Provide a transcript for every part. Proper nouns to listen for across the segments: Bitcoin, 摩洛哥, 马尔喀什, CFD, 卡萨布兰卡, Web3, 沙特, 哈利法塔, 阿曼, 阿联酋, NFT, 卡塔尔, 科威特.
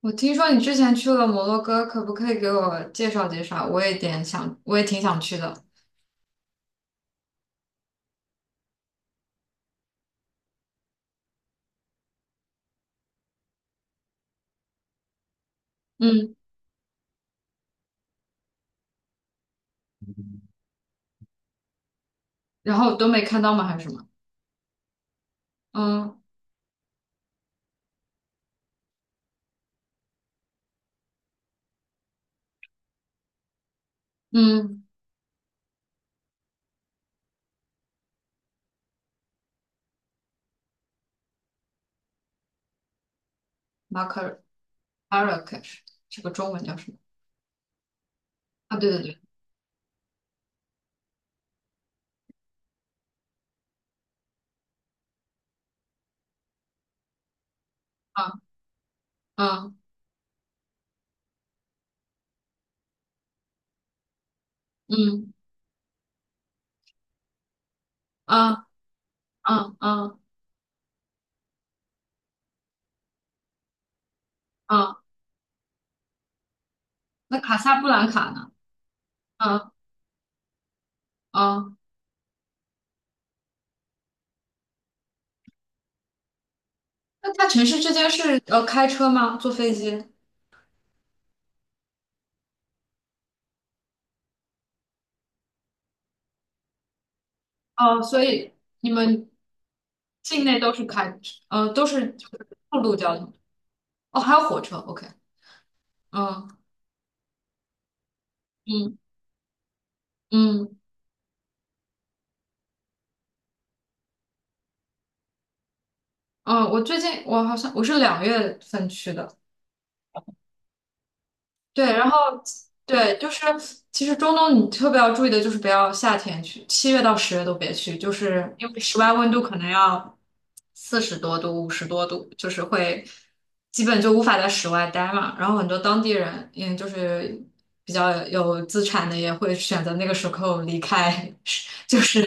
我听说你之前去了摩洛哥，可不可以给我介绍介绍？我也挺想去的。嗯。然后都没看到吗？还是什么？嗯嗯。马可马尔喀什，这个中文叫什么？啊，对对对。啊。嗯嗯嗯嗯嗯嗯。那卡萨布兰卡呢？啊。嗯。那它城市之间是开车吗？坐飞机？哦，所以你们境内都是就是陆路交通。哦，还有火车。OK。嗯嗯。嗯嗯。我最近，我好像，我是2月份去的。对，然后对。就是其实中东你特别要注意的就是不要夏天去，7月到10月都别去，就是因为室外温度可能要40多度、50多度，就是会基本就无法在室外待嘛。然后很多当地人，就是比较有资产的也会选择那个时候离开。就是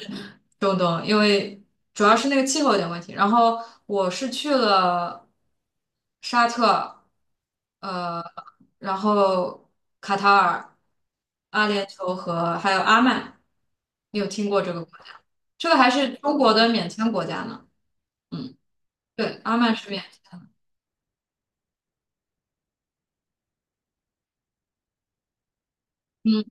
中东，因为主要是那个气候有点问题。然后我是去了沙特。呃，然后卡塔尔、阿联酋和还有阿曼。你有听过这个国家？这个还是中国的免签国家呢。嗯，对，阿曼是免签的。嗯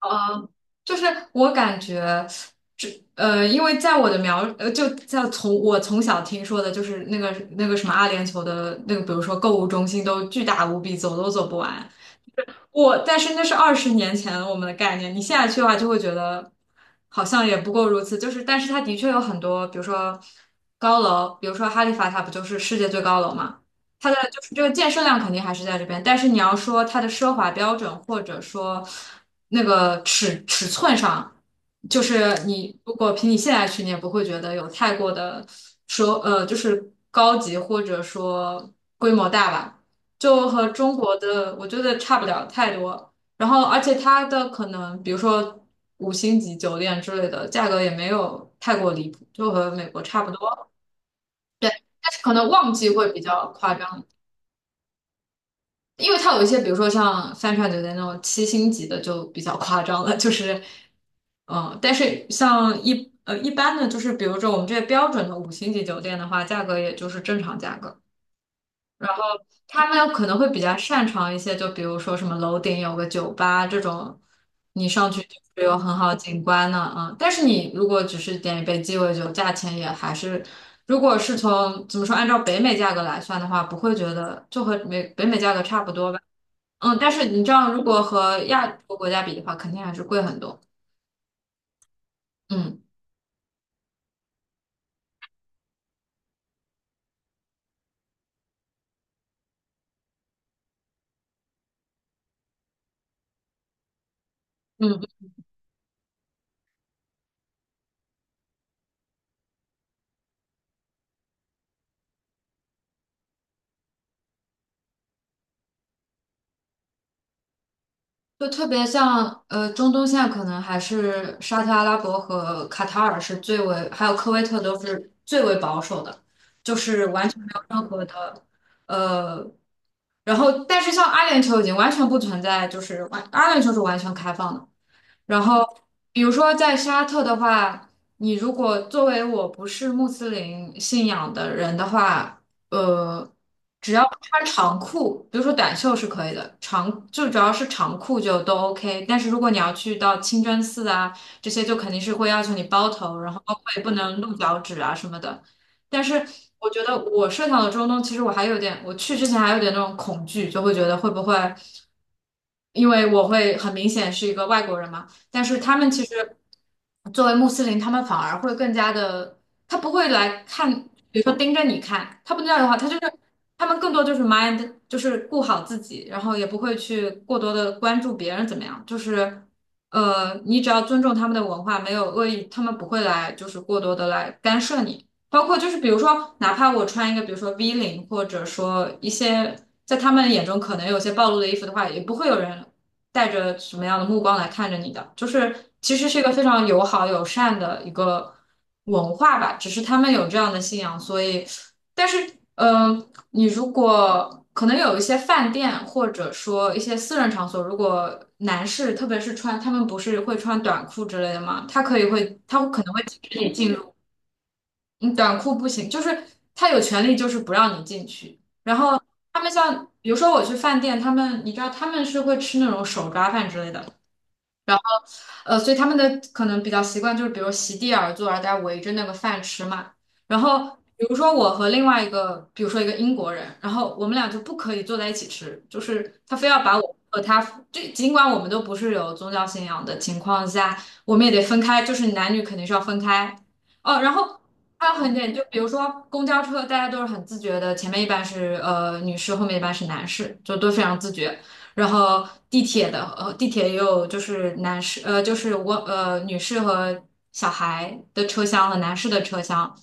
呃，就是我感觉。这因为在我的描，呃，就在从我从小听说的，就是那个什么阿联酋的那个，比如说购物中心都巨大无比，走都走不完。但是那是20年前我们的概念，你现在去的话就会觉得好像也不过如此。就是，但是它的确有很多，比如说高楼，比如说哈利法塔不就是世界最高楼嘛？它的就是这个建设量肯定还是在这边，但是你要说它的奢华标准或者说那个尺寸上，就是你如果凭你现在去，你也不会觉得有太过的就是高级或者说规模大吧。就和中国的我觉得差不了太多。然后，而且它的可能，比如说五星级酒店之类的，价格也没有太过离谱，就和美国差不多。对，但是可能旺季会比较夸张，因为它有一些，比如说像三船酒店那种7星级的就比较夸张了，就是，但是像一般的，就是比如说我们这些标准的五星级酒店的话，价格也就是正常价格。他们可能会比较擅长一些，就比如说什么楼顶有个酒吧这种，你上去就是有很好景观的啊。嗯但是你如果只是点一杯鸡尾酒，价钱也还是，如果是从怎么说，按照北美价格来算的话，不会觉得就和北美价格差不多吧。嗯，但是你知道，如果和亚洲国家比的话，肯定还是贵很多。嗯嗯。就特别像，中东现在可能还是沙特阿拉伯和卡塔尔是最为，还有科威特都是最为保守的，就是完全没有任何的呃，然后但是像阿联酋已经完全不存在，就是阿联酋是完全开放的。然后，比如说在沙特的话，你如果作为我不是穆斯林信仰的人的话，呃，只要不穿长裤，比如说短袖是可以的，就主要是长裤就都 OK。但是如果你要去到清真寺啊，这些就肯定是会要求你包头，然后包括也不能露脚趾啊什么的。但是我觉得我设想的中东，其实我还有点，我去之前还有点那种恐惧，就会觉得会不会，因为我会很明显是一个外国人嘛。但是他们其实作为穆斯林，他们反而会更加的，他不会来看，比如说盯着你看，他不那样的话，他就是他们更多就是 mind，就是顾好自己，然后也不会去过多的关注别人怎么样，就是你只要尊重他们的文化，没有恶意，他们不会来就是过多的来干涉你。包括就是比如说，哪怕我穿一个比如说 V 领，或者说一些在他们眼中可能有些暴露的衣服的话，也不会有人带着什么样的目光来看着你的，就是其实是一个非常友好友善的一个文化吧，只是他们有这样的信仰，所以，但是，嗯、你如果可能有一些饭店或者说一些私人场所，如果男士特别是穿，他们不是会穿短裤之类的吗？他可能会禁止你进入，你短裤不行，就是他有权利就是不让你进去，然后。他们像，比如说我去饭店，他们你知道他们是会吃那种手抓饭之类的，所以他们的可能比较习惯就是，比如席地而坐，然后大家围着那个饭吃嘛。然后，比如说我和另外一个，比如说一个英国人，然后我们俩就不可以坐在一起吃，就是他非要把我和他，就尽管我们都不是有宗教信仰的情况下，我们也得分开，就是男女肯定是要分开。哦，然后还有很点，就比如说公交车，大家都是很自觉的，前面一般是女士，后面一般是男士，就都非常自觉。然后地铁也有就是男士呃就是我呃女士和小孩的车厢和男士的车厢，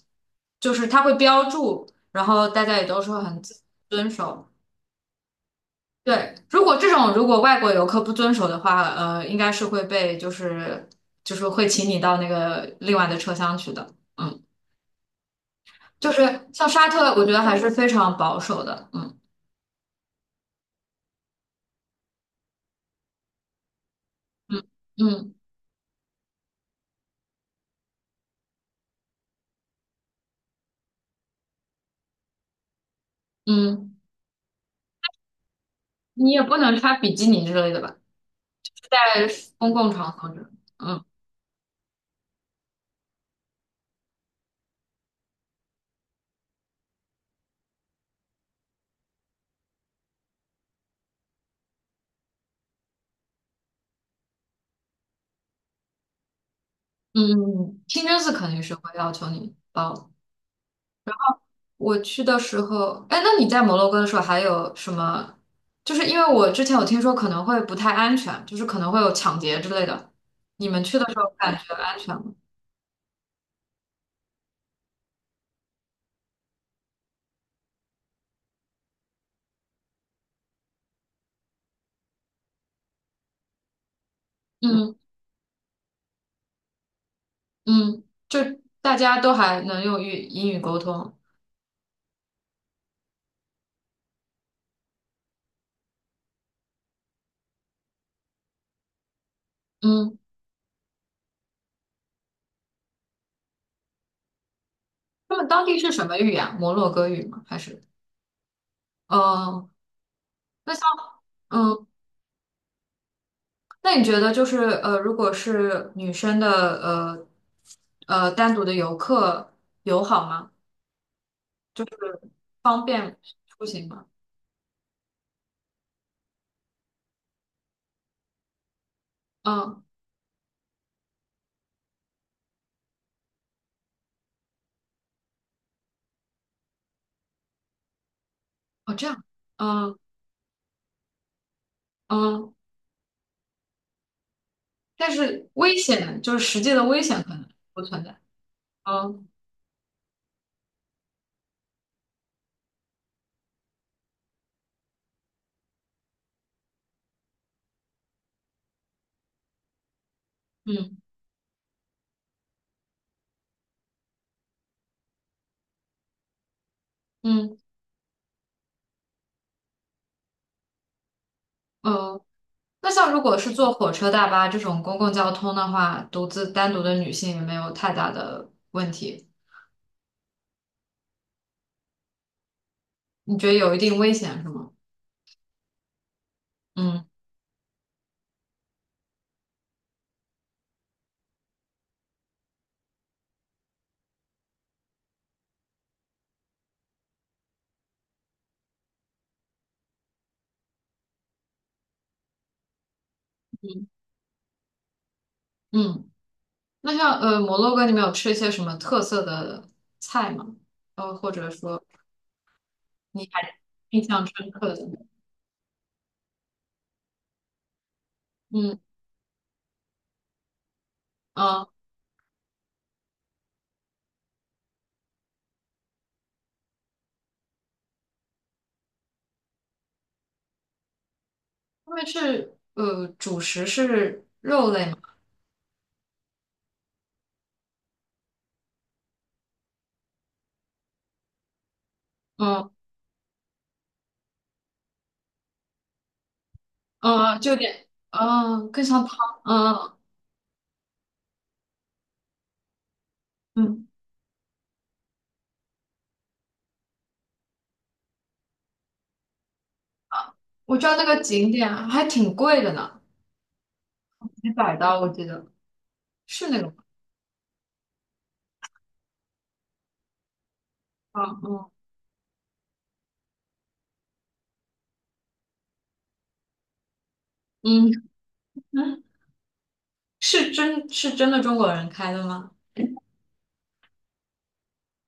就是它会标注，然后大家也都说很遵守。对，如果外国游客不遵守的话，应该是会被就是会请你到那个另外的车厢去的。嗯，就是像沙特，我觉得还是非常保守的。嗯嗯嗯嗯。你也不能穿比基尼之类的吧？在公共场合呢。嗯嗯嗯。清真寺肯定是会要求你包的。我去的时候，哎，那你在摩洛哥的时候还有什么？就是因为我之前有听说可能会不太安全，就是可能会有抢劫之类的。你们去的时候感觉安全吗？嗯嗯。就大家都还能用英语沟通。嗯，他们当地是什么语言？摩洛哥语吗？还是？哦，那像。嗯。那你觉得就是如果是女生的呃单独的游客友好吗？就是方便出行吗？嗯。哦这样。嗯嗯。但是危险，就是实际的危险可能不存在。嗯嗯嗯。呃，那像如果是坐火车、大巴这种公共交通的话，单独的女性也没有太大的问题。你觉得有一定危险是吗？嗯嗯嗯。那像摩洛哥，你们有吃一些什么特色的菜吗？或者说你还印象深刻的？嗯嗯。呃他们是主食是肉类嘛？嗯嗯，就有点更像汤。嗯嗯。我知道那个景点啊还挺贵的呢，几百刀我记得是那个吗？嗯嗯嗯。是真的中国人开的吗？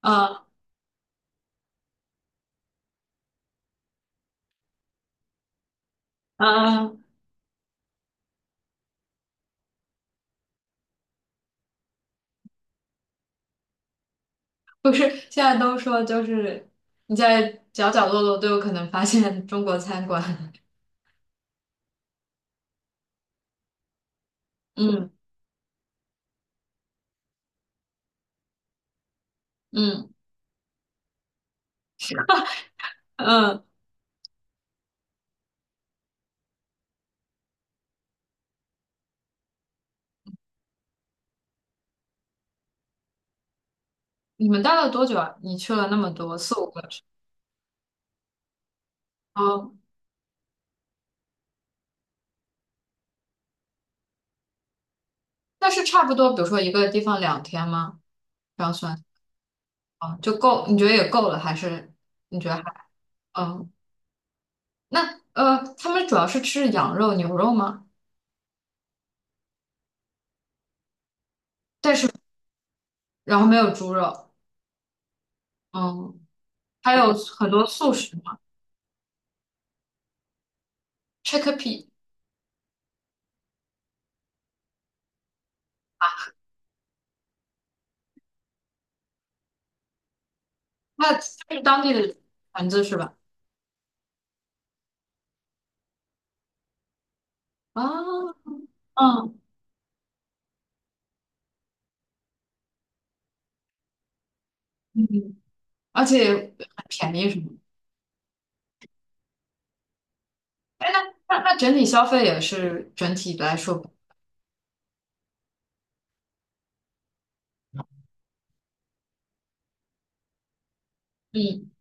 啊。啊。不是，现在都说就是你在角角落落都有可能发现中国餐馆。嗯嗯嗯。你们待了多久啊？你去了那么多，四五个城市。哦，那是差不多，比如说一个地方2天吗？这样算。哦，就够？你觉得也够了，还是你觉得还？嗯。那他们主要是吃羊肉、牛肉吗？然后没有猪肉，嗯，还有很多素食嘛，chickpea，那是当地的盘子是吧？啊。嗯。嗯而且很便宜什么的。那整体消费也是整体来说不嗯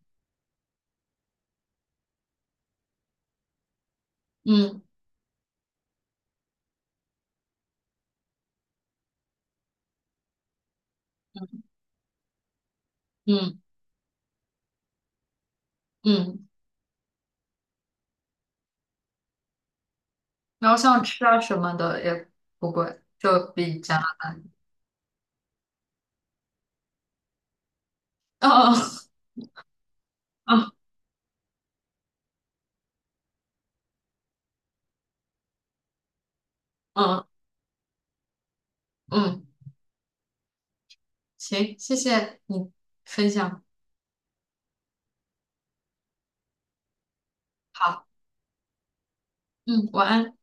嗯嗯嗯。然后像吃啊什么的也不贵，就比加拿大。嗯嗯嗯嗯。行，谢谢你分享，好。嗯，晚安。